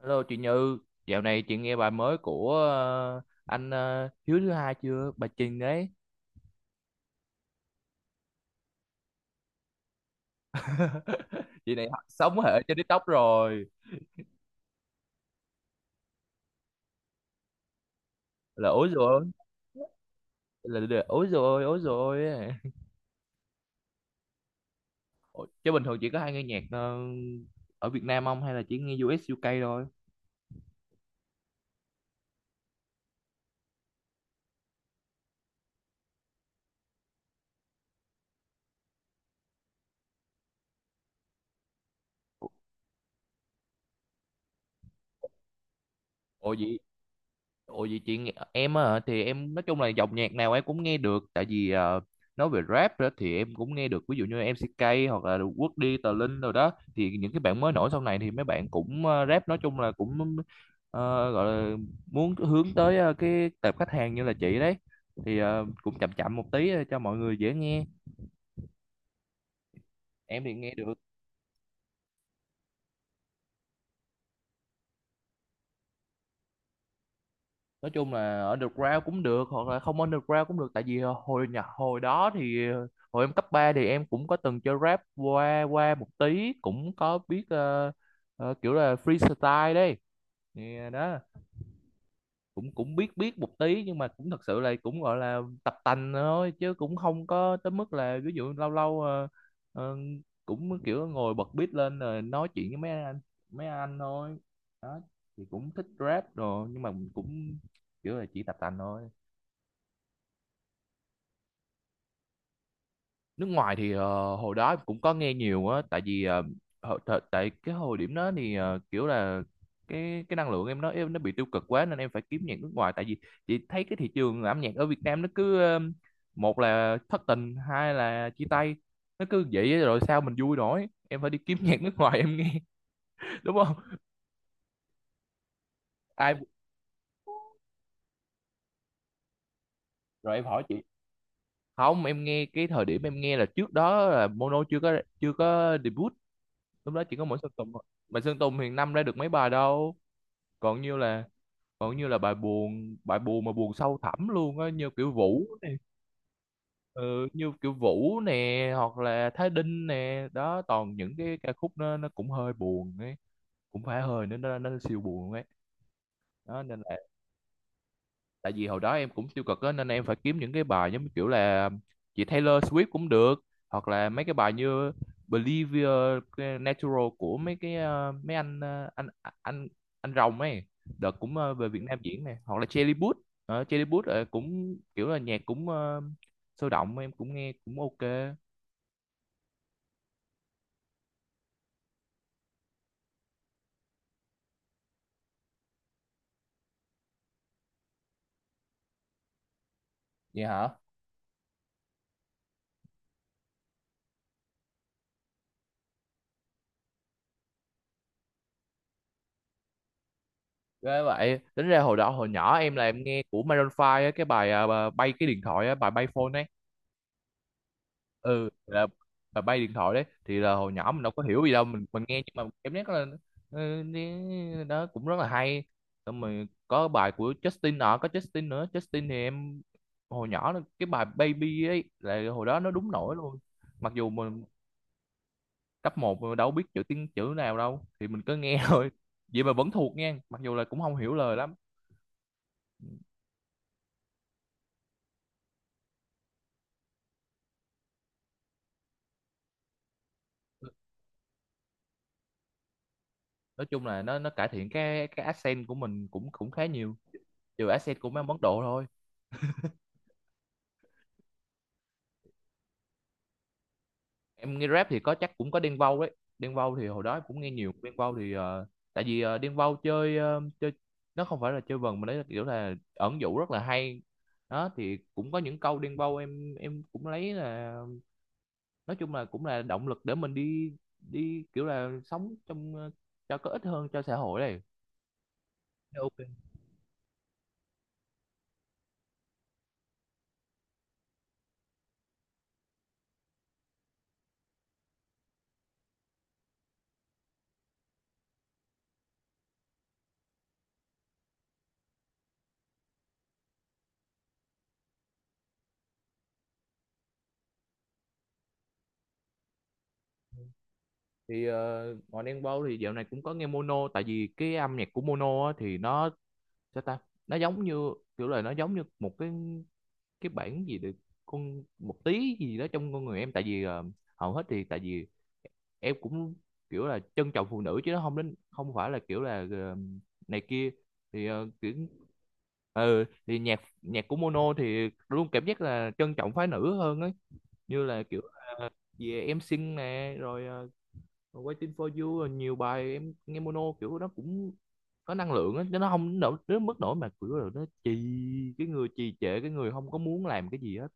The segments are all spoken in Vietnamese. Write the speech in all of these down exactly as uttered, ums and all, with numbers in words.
Hello chị Như, dạo này chị nghe bài mới của ờ, anh ờ, Hiếu thứ hai chưa? Bà Trình đấy, chị này sống hệ trên TikTok rồi. Là ối rồi, là, là ối rồi, ối rồi. Ủa, Chứ bình thường chị có hay nghe nhạc ờ, ở Việt Nam không hay là chỉ nghe u ét u ca thôi? Ồ vậy. Ủa vậy chị nghe- Em á hả? Thì em nói chung là dòng nhạc nào em cũng nghe được, tại vì ờ, nói về rap đó thì em cũng nghe được, ví dụ như em MCK hoặc là Quốc đi Tờ Linh rồi đó, thì những cái bạn mới nổi sau này thì mấy bạn cũng ờ, rap nói chung là cũng ờ, gọi là muốn hướng tới ờ, cái tệp khách hàng như là chị đấy, thì ờ, cũng chậm chậm một tí cho mọi người dễ nghe, em thì nghe được. Nói chung là underground cũng được hoặc là không underground cũng được, tại vì ờ, hồi nhạc hồi đó thì ờ, hồi em cấp ba thì em cũng có từng chơi rap qua qua một tí, cũng có biết ờ, ờ, kiểu là freestyle đấy, thì ờ, đó cũng cũng biết biết một tí, nhưng mà cũng thật sự là cũng gọi là tập tành thôi, chứ cũng không có tới mức là ví dụ lâu lâu ờ, ờ, cũng kiểu ngồi bật beat lên rồi nói chuyện với mấy anh mấy anh thôi đó, thì cũng thích rap rồi nhưng mà cũng kiểu là chỉ tập tành thôi. Nước ngoài thì ờ, hồi đó cũng có nghe nhiều á, tại vì ờ, hồi- thời- tại cái hồi điểm đó thì ờ, kiểu là cái cái năng lượng em nó em nó bị tiêu cực quá, nên em phải kiếm nhạc nước ngoài, tại vì chị thấy cái thị trường âm nhạc ở Việt Nam nó cứ ờ, một là thất tình hai là chia tay, nó cứ vậy á, rồi sao mình vui nổi, em phải đi kiếm nhạc nước ngoài em nghe. Đúng không? Ai rồi em hỏi chị? Không, em nghe cái thời điểm em nghe là trước đó là Mono chưa có chưa có debut, lúc đó chỉ có mỗi Sơn Tùng thôi, mà Sơn Tùng hiện năm ra được mấy bài đâu. Còn như là còn như là bài buồn bài buồn mà buồn sâu thẳm luôn á, như kiểu Vũ nè. Ừ, như kiểu Vũ nè hoặc là Thái Đinh nè đó, toàn những cái ca khúc nó nó cũng hơi buồn ấy, cũng phải hơi nữa nó nó siêu buồn ấy, đó nên là tại vì hồi đó em cũng tiêu cực á, nên em phải kiếm những cái bài giống như kiểu là chị Taylor Swift cũng được, hoặc là mấy cái bài như Believe Your Natural của mấy cái ờ, mấy anh ờ, anh anh anh rồng ấy, đợt cũng ờ, về Việt Nam diễn này, hoặc là Charlie Puth. Ờ, Charlie Puth ờ, cũng kiểu là nhạc cũng ờ, sôi động, em cũng nghe cũng ok. Vậy hả? Ghê vậy, tính ra hồi đó hồi nhỏ em là em nghe của Maroon năm á, cái bài à, bà- bay cái điện thoại á, bài bay phone ấy. Ừ là là bay điện thoại đấy, thì là hồi nhỏ mình đâu có hiểu gì đâu, mình mình nghe nhưng mà cảm giác là ừ, đi- đó cũng rất là hay. Xong rồi có bài của Justin nọ có Justin nữa Justin thì em hồi nhỏ là cái bài Baby ấy, là hồi đó nó đúng nổi luôn, mặc dù mình cấp một mà đâu biết chữ tiếng chữ nào đâu, thì mình cứ nghe thôi, vậy mà vẫn thuộc nha, mặc dù là cũng không hiểu lời lắm. Nói chung là nó nó cải thiện cái cái accent của mình cũng cũng khá nhiều, trừ accent của mấy ông Ấn Độ thôi. Em nghe rap thì có, chắc cũng có Đen Vâu đấy, Đen Vâu thì hồi đó em cũng nghe nhiều. Đen Vâu thì ờ, tại vì ờ, Đen Vâu chơi ờ, chơi nó không phải là chơi vần, mà đấy là kiểu là ẩn dụ rất là hay, đó thì cũng có những câu Đen Vâu em em cũng lấy, là nói chung là cũng là động lực để mình đi đi kiểu là sống trong ờ, cho có ích hơn cho xã hội này. Ok. Thì ờ, ngoài Đen Vâu thì dạo này cũng có nghe Mono, tại vì cái âm nhạc của Mono á, thì nó sao ta, nó giống như kiểu là nó giống như một cái cái bản gì được con một tí gì đó trong con người em, tại vì ờ, hầu hết thì tại vì em cũng kiểu là trân trọng phụ nữ, chứ nó không đến không phải là kiểu là ờ, này kia, thì ờ, kiểu ừ, thì nhạc nhạc của Mono thì luôn cảm giác là trân trọng phái nữ hơn ấy, như là kiểu về em xinh nè, rồi ờ, Waiting for you, rồi nhiều bài em nghe Mono kiểu nó cũng có năng lượng á, chứ nó không nổi đến mức nổi mà kiểu là nó trì, cái người trì trệ cái người không có muốn làm cái gì á.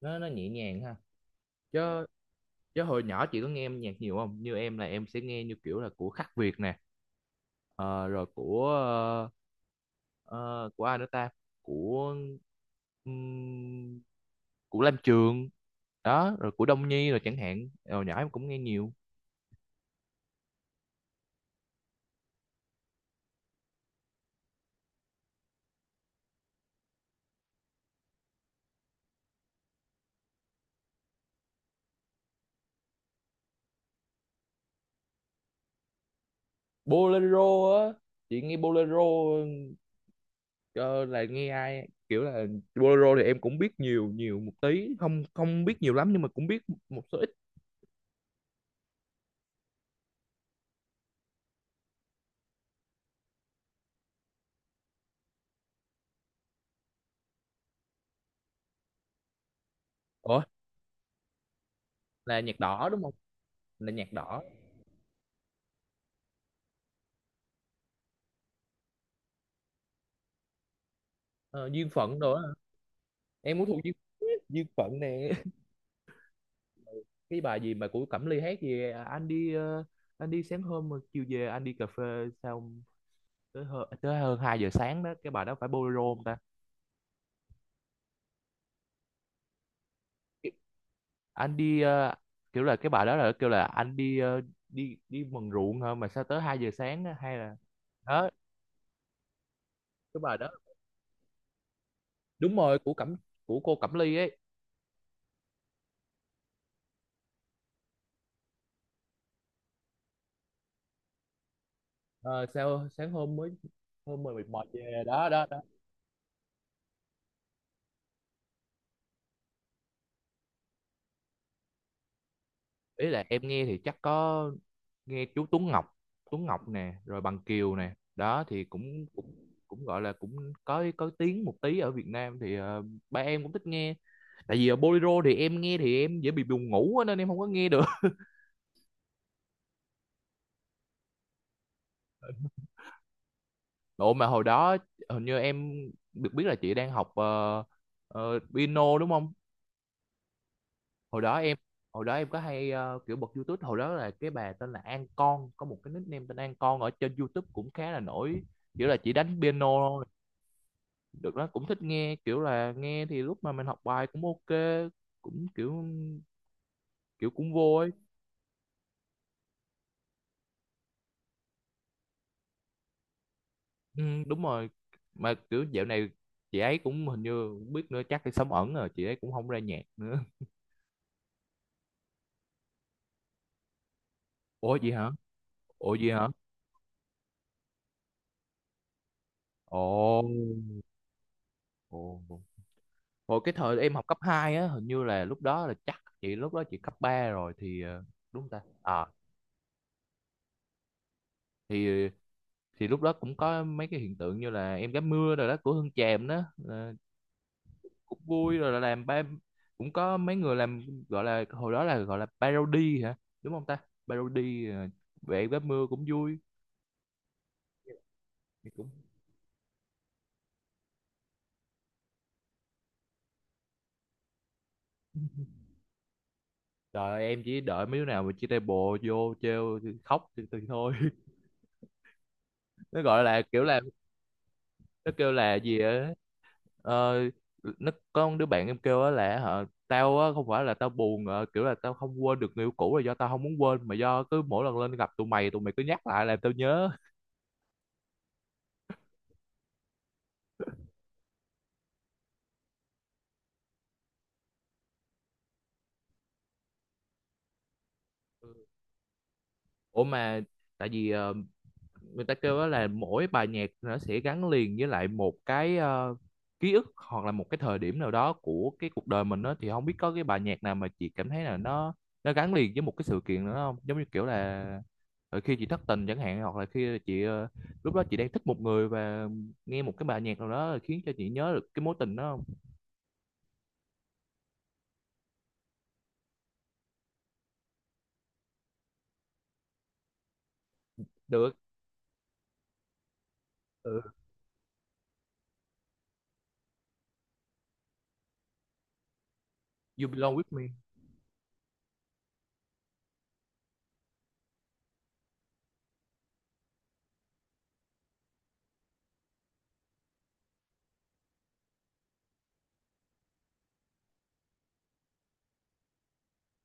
Nó nó nhẹ nhàng ha? Chứ chứ hồi nhỏ chị có nghe âm nhạc nhiều không? Như em là em sẽ nghe như kiểu là của Khắc Việt nè, ờ, rồi của ờ, ờ, của ai nữa ta của ừm, của Lam Trường đó, rồi của Đông Nhi rồi, chẳng hạn hồi nhỏ em cũng nghe nhiều. Bolero á, chị nghe Bolero ờ, là nghe ai kiểu là? Bolero thì em cũng biết nhiều nhiều một tí, không không biết nhiều lắm nhưng mà cũng biết một số ít. Ủa là nhạc đỏ đúng không? Là nhạc đỏ. Ờ, duyên phận đồ á. Em muốn thuộc duyên Duyên phận nè. Cái bài gì mà của Cẩm Ly hát gì à, anh đi ờ, anh đi sáng hôm mà chiều về anh đi cà phê, xong tới hơn, tới hơn hai giờ sáng đó, cái bài đó phải bolero không ta? Cái- anh đi ờ, Kiểu là cái bài đó là kêu là anh đi ờ, đi đi mần ruộng hả mà sao tới hai giờ sáng á, hay là đó cái bài đó. Đúng rồi của Cẩm của cô Cẩm Ly ấy. Ờ, sao sáng hôm mới hôm mười mệt mỏi về đó đó đó. Ý là em nghe thì chắc có nghe chú Tuấn Ngọc, Tuấn Ngọc nè, rồi Bằng Kiều nè, đó thì cũng cũng cũng gọi là cũng có có tiếng một tí ở Việt Nam, thì ờ, ba em cũng thích nghe. Tại vì ở bolero thì em nghe thì em dễ bị buồn ngủ á, nên em không có nghe được. Độ mà hồi đó hình như em được biết là chị đang học ờ, ờ, piano đúng không? hồi đó em Hồi đó em có hay ờ, kiểu bật YouTube, hồi đó là cái bà tên là An Con, có một cái nickname tên An Con ở trên YouTube cũng khá là nổi, kiểu là chỉ đánh piano được đó, cũng thích nghe, kiểu là nghe thì lúc mà mình học bài cũng ok, cũng kiểu kiểu cũng vô ấy. Ừ, đúng rồi. Mà kiểu dạo này chị ấy cũng hình như không biết nữa, chắc đi sống ẩn rồi, chị ấy cũng không ra nhạc nữa. Ủa gì hả? Ủa gì hả? Ồ. Ồ, hồi cái thời em học cấp hai á, hình như là lúc đó là chắc chị lúc đó chị cấp ba rồi thì ờ, đúng không ta? À, thì thì lúc đó cũng có mấy cái hiện tượng như là em gái mưa rồi đó của Hương Tràm đó. Ờ, cũng vui, rồi là làm ba cũng có mấy người làm, gọi là hồi đó là gọi là parody hả, đúng không ta? parody ờ, Vẽ vé mưa cũng vui. Thì cũng trời ơi, em chỉ đợi mấy đứa nào mà chia tay bộ vô trêu thì khóc thì, thì thôi. Nó gọi là kiểu là nó kêu là gì á, ờ, nó có một đứa bạn em kêu á, là hả tao á không phải là tao buồn, ờ, kiểu là tao không quên được người yêu cũ là do tao không muốn quên, mà do cứ mỗi lần lên gặp tụi mày tụi mày cứ nhắc lại làm tao nhớ. Ủa mà tại vì ờ, người ta kêu đó là mỗi bài nhạc nó sẽ gắn liền với lại một cái ờ, ký ức, hoặc là một cái thời điểm nào đó của cái cuộc đời mình đó, thì không biết có cái bài nhạc nào mà chị cảm thấy là nó nó gắn liền với một cái sự kiện nữa không, giống như kiểu là khi chị thất tình chẳng hạn, hoặc là khi chị ờ, lúc đó chị đang thích một người, và nghe một cái bài nhạc nào đó khiến cho chị nhớ được cái mối tình đó không? Được. Ừ. You belong with me.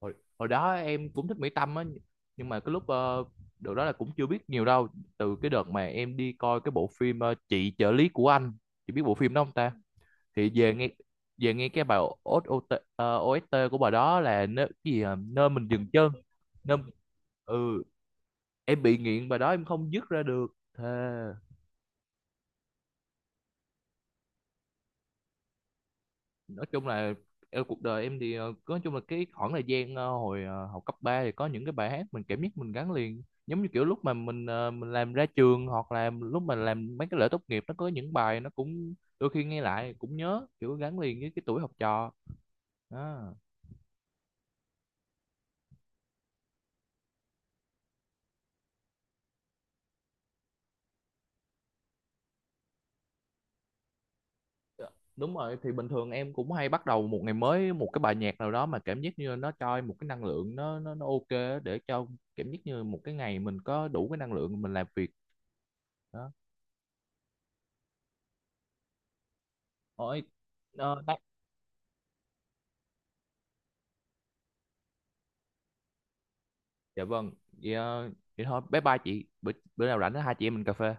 Hồi, hồi đó em cũng thích Mỹ Tâm á, nhưng mà cái lúc ờ, đợt đó là cũng chưa biết nhiều đâu, từ cái đợt mà em đi coi cái bộ phim ờ, chị trợ lý của anh, chị biết bộ phim đó không ta? Thì về nghe về nghe cái bài o ét tê, ờ, o ét tê của bài đó là nơi, cái gì à? Nơi mình dừng chân. Nơi ừ Em bị nghiện bài đó em không dứt ra được, thề. Nói chung là ờ, cuộc đời em thì ờ, nói chung là cái khoảng thời gian ờ, hồi ờ, học cấp ba, thì có những cái bài hát mình cảm giác mình gắn liền, giống như kiểu lúc mà mình ờ, mình làm ra trường, hoặc là lúc mà làm mấy cái lễ tốt nghiệp, nó có những bài nó cũng đôi khi nghe lại cũng nhớ, kiểu gắn liền với cái tuổi học trò đó. Đúng rồi, thì bình thường em cũng hay bắt đầu một ngày mới một cái bài nhạc nào đó mà cảm giác như nó cho em một cái năng lượng nó nó nó ok á, để cho cảm giác như một cái ngày mình có đủ cái năng lượng mình làm việc đó. Ôi, ờ, dạ vâng. vậy, ờ, Vậy thôi bye bye chị, bữa, bữa nào rảnh hai chị em mình cà phê.